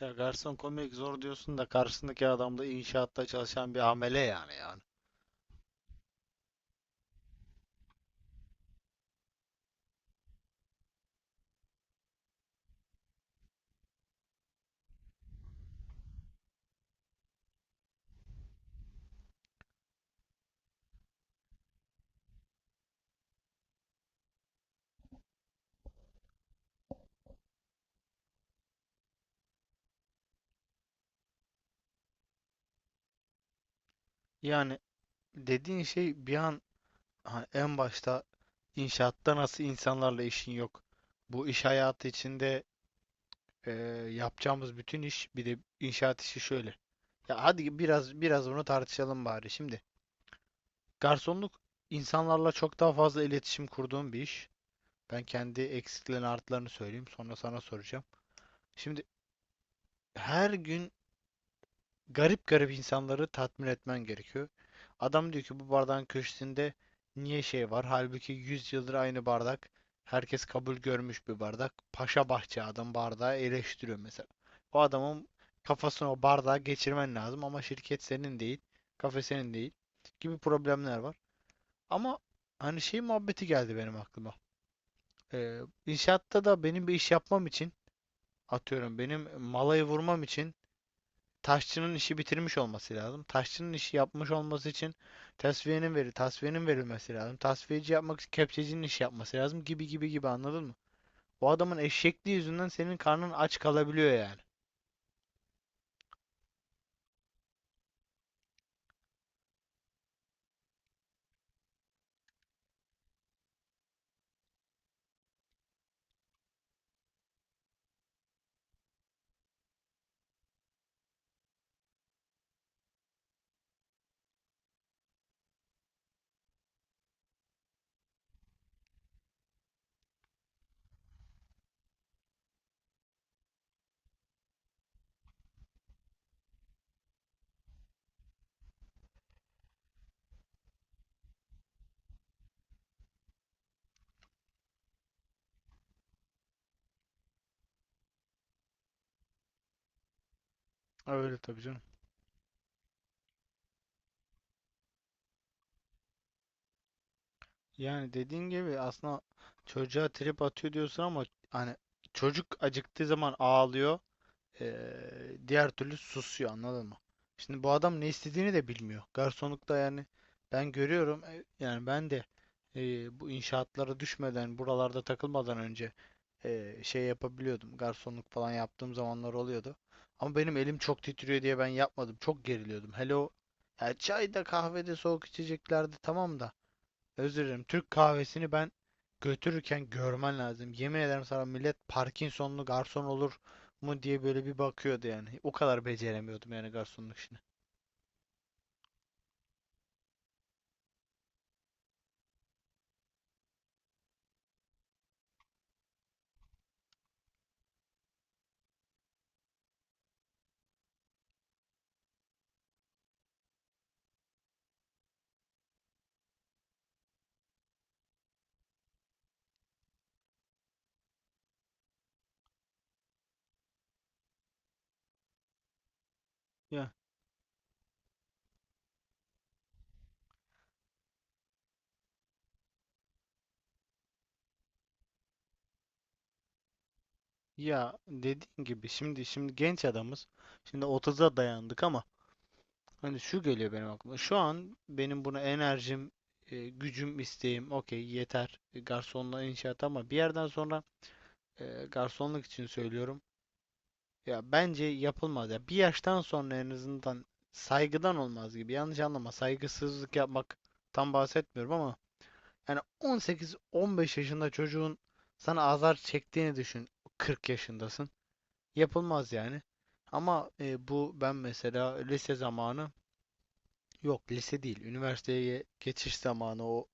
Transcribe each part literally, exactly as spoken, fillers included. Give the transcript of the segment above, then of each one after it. Ya garson komik zor diyorsun da karşısındaki adam da inşaatta çalışan bir amele yani yani. Yani dediğin şey bir an ha, en başta inşaatta nasıl insanlarla işin yok. Bu iş hayatı içinde e, yapacağımız bütün iş bir de inşaat işi şöyle. Ya hadi biraz biraz bunu tartışalım bari şimdi. Garsonluk insanlarla çok daha fazla iletişim kurduğum bir iş. Ben kendi eksiklerini artılarını söyleyeyim sonra sana soracağım. Şimdi her gün garip garip insanları tatmin etmen gerekiyor. Adam diyor ki bu bardağın köşesinde niye şey var? Halbuki yüz yıldır aynı bardak. Herkes kabul görmüş bir bardak. Paşa bahçe adam bardağı eleştiriyor mesela. O adamın kafasına o bardağı geçirmen lazım ama şirket senin değil, kafe senin değil gibi problemler var. Ama hani şey muhabbeti geldi benim aklıma. Ee, inşaatta da benim bir iş yapmam için atıyorum benim malayı vurmam için taşçının işi bitirmiş olması lazım. Taşçının işi yapmış olması için tasfiyenin veri, tasfiyenin verilmesi lazım. Tasfiyeci yapmak için kepçecinin işi yapması lazım gibi gibi gibi anladın mı? O adamın eşekliği yüzünden senin karnın aç kalabiliyor yani. Öyle tabii canım. Yani dediğin gibi aslında çocuğa trip atıyor diyorsun ama hani çocuk acıktığı zaman ağlıyor. Eee, diğer türlü susuyor anladın mı? Şimdi bu adam ne istediğini de bilmiyor. Garsonlukta yani ben görüyorum e, yani ben de eee, bu inşaatlara düşmeden buralarda takılmadan önce eee, şey yapabiliyordum. Garsonluk falan yaptığım zamanlar oluyordu. Ama benim elim çok titriyor diye ben yapmadım. Çok geriliyordum. Hele o ya çayda kahvede soğuk içeceklerde tamam da özür dilerim. Türk kahvesini ben götürürken görmen lazım. Yemin ederim sana millet Parkinsonlu garson olur mu diye böyle bir bakıyordu yani. O kadar beceremiyordum yani garsonluk işini. Ya ya dediğin gibi şimdi şimdi genç adamız. Şimdi otuz'a dayandık ama hani şu geliyor benim aklıma. Şu an benim buna enerjim, e, gücüm, isteğim okey yeter. E, Garsonluğa inşaat ama bir yerden sonra e, garsonluk için söylüyorum. Ya bence yapılmaz ya. Bir yaştan sonra en azından saygıdan olmaz gibi. Yanlış anlama. Saygısızlık yapmak tam bahsetmiyorum ama yani on sekiz on beş yaşında çocuğun sana azar çektiğini düşün. kırk yaşındasın. Yapılmaz yani. Ama e, bu ben mesela lise zamanı yok lise değil. Üniversiteye geçiş zamanı o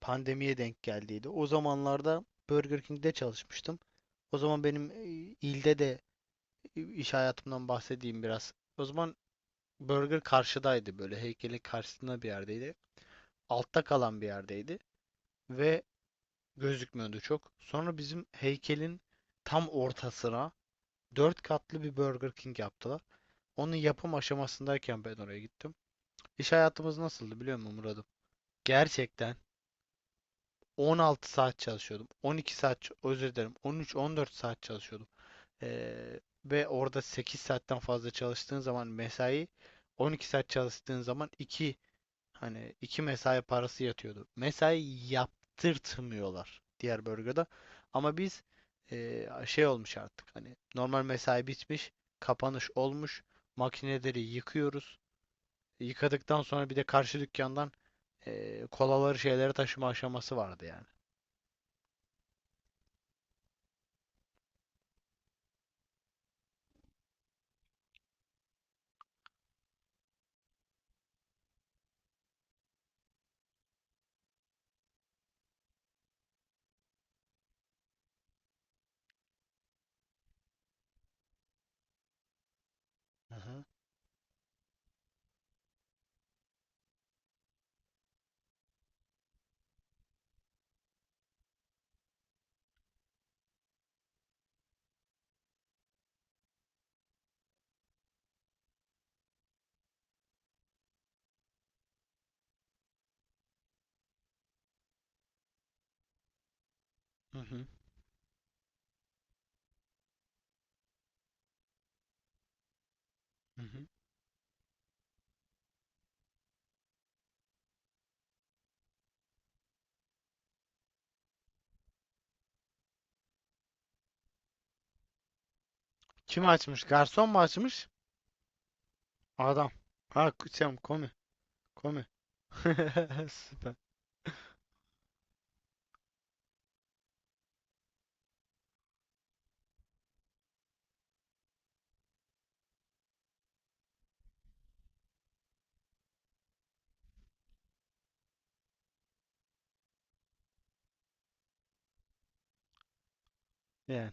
pandemiye denk geldiydi. O zamanlarda Burger King'de çalışmıştım. O zaman benim e, ilde de e, iş hayatımdan bahsedeyim biraz. O zaman Burger karşıdaydı böyle heykelin karşısında bir yerdeydi. Altta kalan bir yerdeydi ve gözükmüyordu çok. Sonra bizim heykelin tam ortasına dört katlı bir Burger King yaptılar. Onun yapım aşamasındayken ben oraya gittim. İş hayatımız nasıldı biliyor musun Murat'ım? Gerçekten on altı saat çalışıyordum. on iki saat, özür dilerim on üç, on dört saat çalışıyordum. Ee, ve orada sekiz saatten fazla çalıştığın zaman mesai, on iki saat çalıştığın zaman iki. Hani iki mesai parası yatıyordu. Mesai yaptırtmıyorlar diğer bölgede. Ama biz eee, şey olmuş artık hani normal mesai bitmiş, kapanış olmuş. Makineleri yıkıyoruz. Yıkadıktan sonra bir de karşı dükkandan eee kolaları şeyleri taşıma aşaması vardı yani. Hı hı. Hı hı. Hı hı. Kim açmış? Garson mu açmış? Adam. Ha, k- şey komi. Komi. Süper. Yani.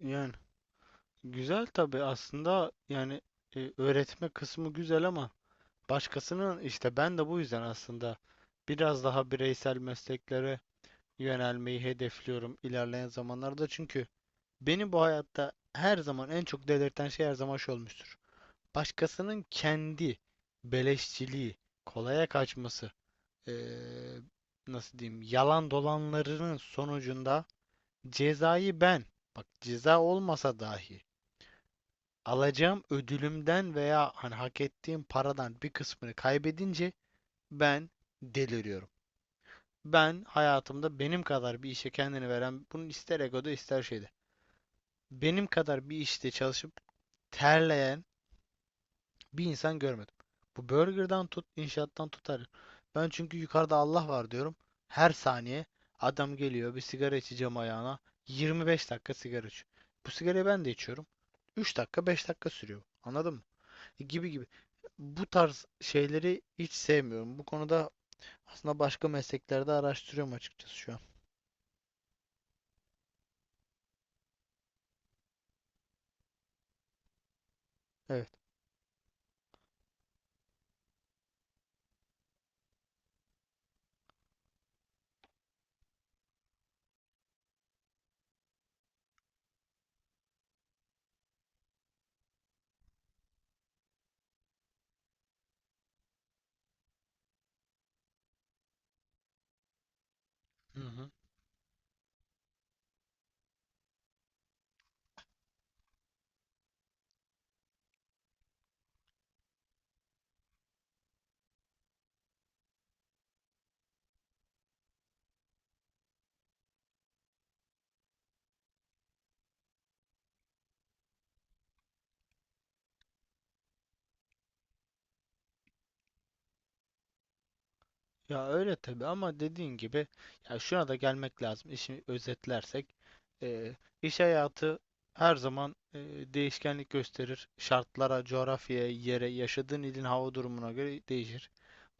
Yani. Güzel tabii aslında yani e, öğretme kısmı güzel ama başkasının işte ben de bu yüzden aslında biraz daha bireysel mesleklere yönelmeyi hedefliyorum ilerleyen zamanlarda. Çünkü beni bu hayatta her zaman en çok delirten şey her zaman şu olmuştur. Başkasının kendi beleşçiliği, kolaya kaçması, e, nasıl diyeyim, yalan dolanlarının sonucunda cezayı ben, bak ceza olmasa dahi alacağım ödülümden veya hani hak ettiğim paradan bir kısmını kaybedince ben deliriyorum. Ben hayatımda benim kadar bir işe kendini veren, bunu ister egoda ister şeyde. Benim kadar bir işte çalışıp terleyen bir insan görmedim. Bu burgerdan tut, inşaattan tutar. Ben çünkü yukarıda Allah var diyorum. Her saniye adam geliyor bir sigara içeceğim ayağına. yirmi beş dakika sigara içiyor. Bu sigarayı ben de içiyorum. üç dakika beş dakika sürüyor. Anladın mı? Gibi gibi. Bu tarz şeyleri hiç sevmiyorum. Bu konuda aslında başka mesleklerde araştırıyorum açıkçası şu an. Evet. Hı hı. Ya öyle tabii ama dediğin gibi ya şuna da gelmek lazım. İşi özetlersek eee, iş hayatı her zaman eee, değişkenlik gösterir. Şartlara, coğrafyaya, yere, yaşadığın ilin hava durumuna göre değişir.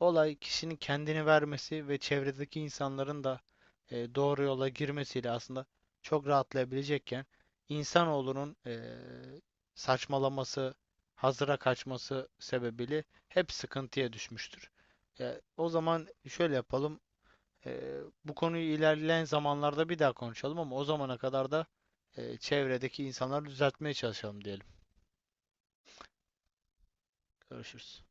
Olay kişinin kendini vermesi ve çevredeki insanların da eee, doğru yola girmesiyle aslında çok rahatlayabilecekken insanoğlunun eee saçmalaması, hazıra kaçması sebebiyle hep sıkıntıya düşmüştür. Ya, o zaman şöyle yapalım. Eee, bu konuyu ilerleyen zamanlarda bir daha konuşalım ama o zamana kadar da eee, çevredeki insanları düzeltmeye çalışalım diyelim. Görüşürüz.